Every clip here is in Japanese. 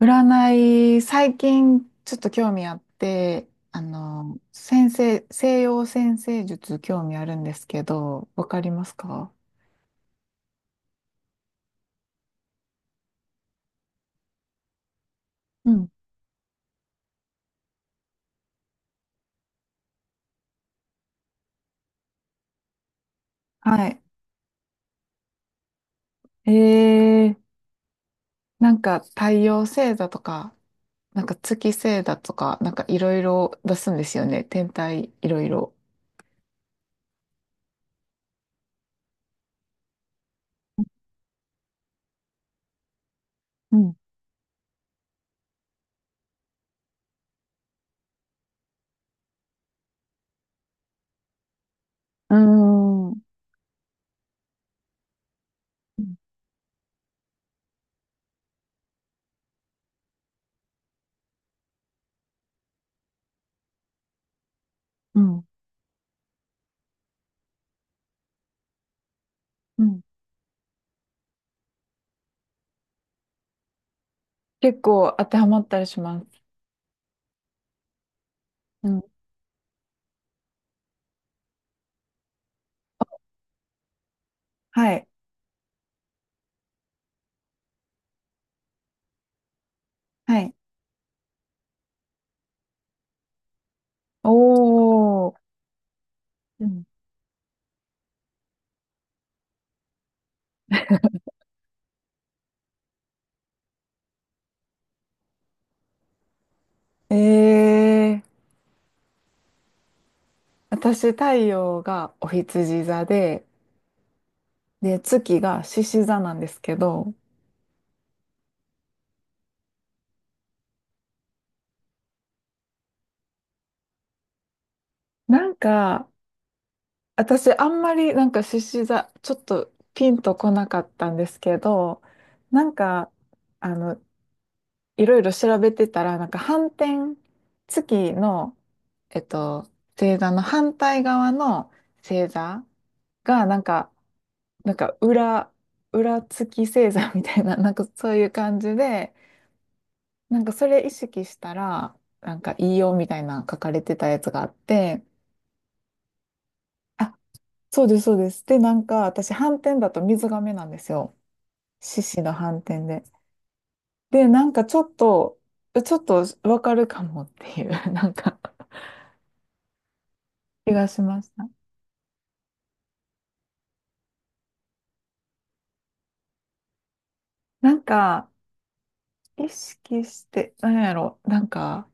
占い、最近ちょっと興味あって、先生、西洋占星術興味あるんですけど、わかりますか？うん。はい。えー、なんか太陽星座とか、なんか月星座とか、なんかいろいろ出すんですよね。天体いろいろ。うん。うーん。うんうん。結構当てはまったりします。うん。はい。はい。おー。うん。えー。私、太陽がお羊座で、月が獅子座なんですけど、なんか、私、あんまりなんか獅子座、ちょっとピンとこなかったんですけど、なんか、あの、いろいろ調べてたら、なんか反転、月の、えっと、星座の反対側の星座が、なんか、なんか裏、裏月星座みたいな、なんかそういう感じで、なんかそれ意識したら、なんかいいよみたいな書かれてたやつがあって、あ、そうです、そうです。で、なんか私、斑点だと水亀なんですよ。獅子の斑点で。で、なんかちょっと、わかるかもっていう、なんか気がしました。なんか、意識して、なんやろ、なんか、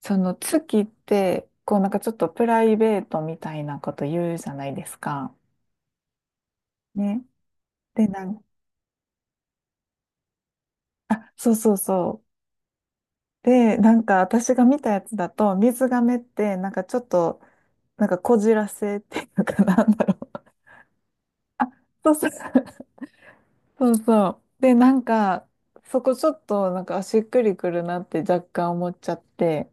その月って、こうなんかちょっとプライベートみたいなこと言うじゃないですか。ね。で、なんあ、そうそうそう。で、なんか私が見たやつだと、水亀って、なんかちょっと、なんかこじらせっていうかなんだろう。あ、そうそう。そうそう。で、なんか、そこちょっと、なんか、あしっくりくるなって若干思っちゃって。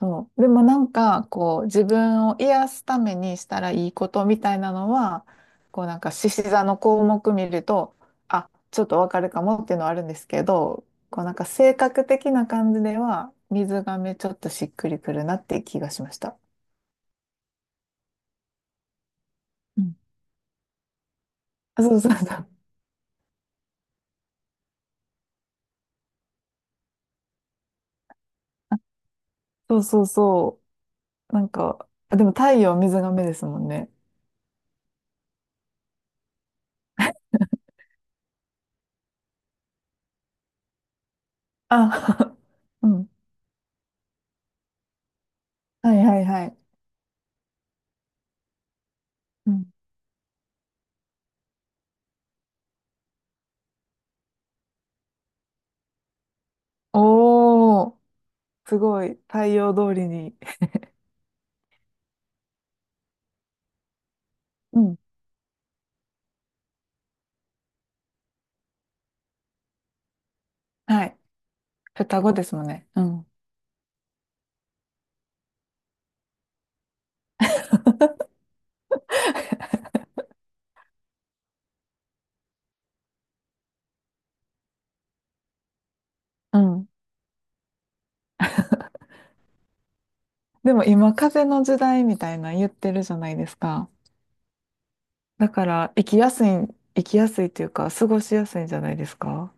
そう。でもなんか、こう、自分を癒すためにしたらいいことみたいなのは、こうなんか、獅子座の項目見ると、あ、ちょっとわかるかもっていうのはあるんですけど、こうなんか、性格的な感じでは、水亀ちょっとしっくりくるなっていう気がしました。うん。あ、そうそうそう。あ、そうそうそう。なんか、あでも太陽水亀ですもんね。あ、うん。はいはいはい。うん。おー、すごい。太陽通りに。うん。はい。双子ですもんね。うん。うん。でも今、風の時代みたいなの言ってるじゃないですか。だから、生きやすい、生きやすいというか、過ごしやすいんじゃないですか？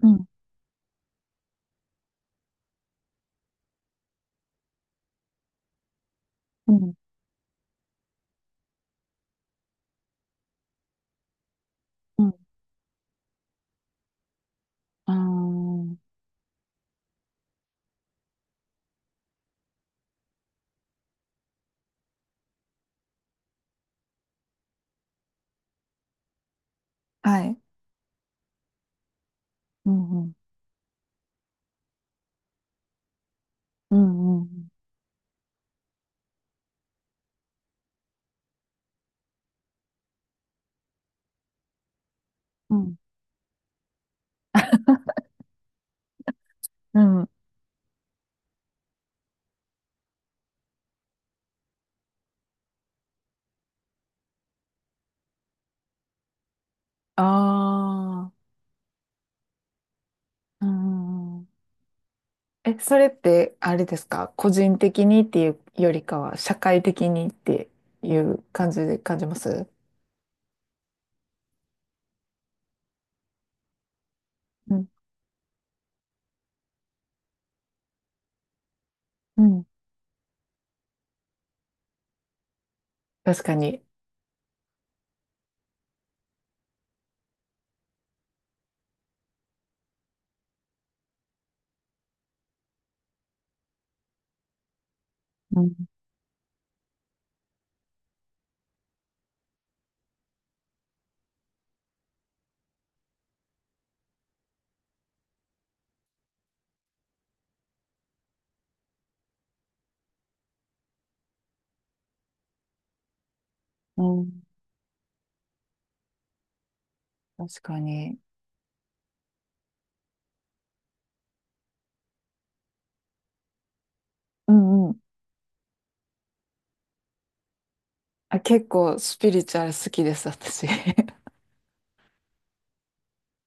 うん、うん、うん。ああ。はい。うん、うん、うん、うん、うん。うん。ああ。うん、うん。え、それって、あれですか？個人的にっていうよりかは、社会的にっていう感じで感じます？うん、うん、確かに。うん、うん。確かに。うんうん。あ、結構スピリチュアル好きです、私。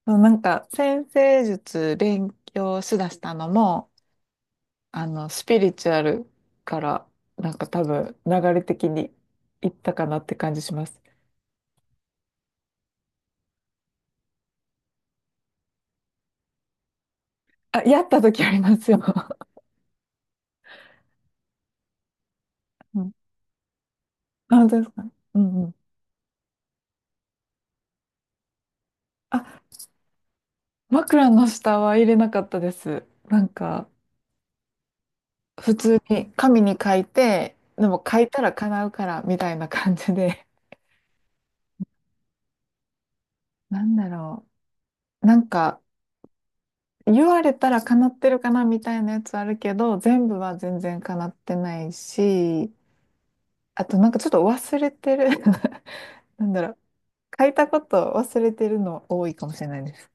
そう、なんか、占星術勉強しだしたのも、スピリチュアルから、なんか多分、流れ的にいったかなって感じします。あ、やった時ありますよ。うん。あ、本当ですか？うんうん。あ、枕の下は入れなかったです。なんか、普通に紙に書いて、でも書いたら叶うから、みたいな感じで。なんだろう。なんか、言われたら叶ってるかなみたいなやつあるけど、全部は全然叶ってないし、あとなんかちょっと忘れてる。なんだろう。書いたこと忘れてるの多いかもしれないです。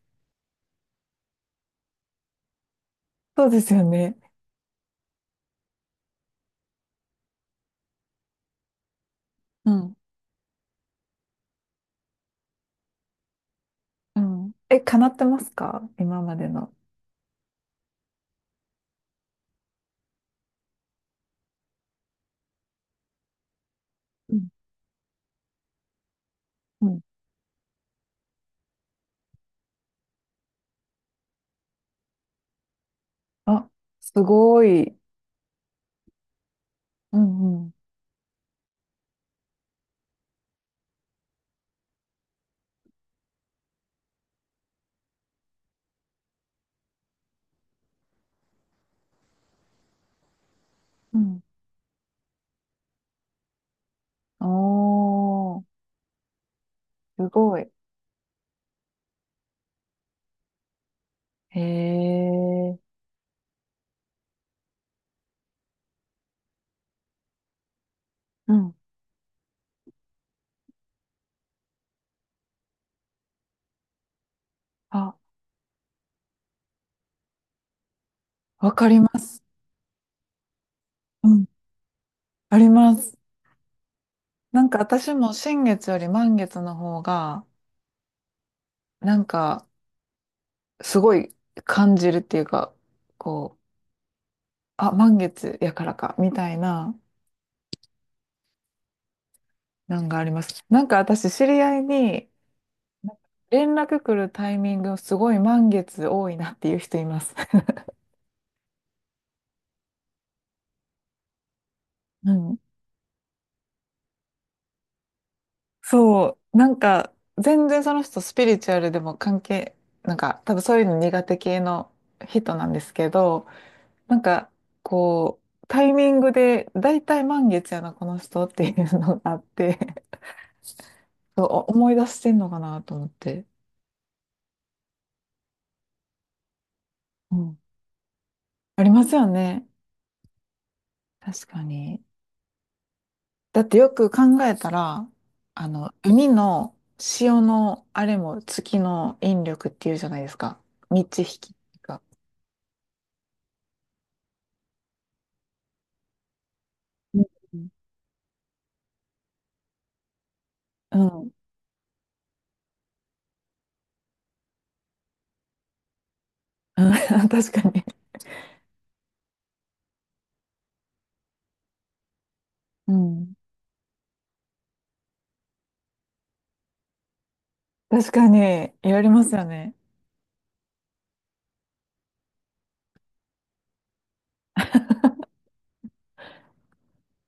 そうですよね。うん。うん。え、叶ってますか今までの？うんうん。あ、すごい。うんうんうん。おー、すごい。へえ。うん。あ、わかります。うん。あります。なんか私も新月より満月の方が、なんかすごい感じるっていうか、こう、あ、満月やからか、みたいな、なんがあります。なんか私知り合いに、連絡来るタイミングすごい満月多いなっていう人います。うん。そう、なんか全然その人スピリチュアルでも関係、なんか多分そういうの苦手系の人なんですけど、なんか、こう、タイミングで、だいたい満月やな、この人っていうのがあって、そう、思い出してんのかなと思って。うん。ありますよね。確かに。だってよく考えたら、海の潮のあれも月の引力っていうじゃないですか。満ち引きっていうか。うんうん。うん 確かに。うん。確かに、やりますよね。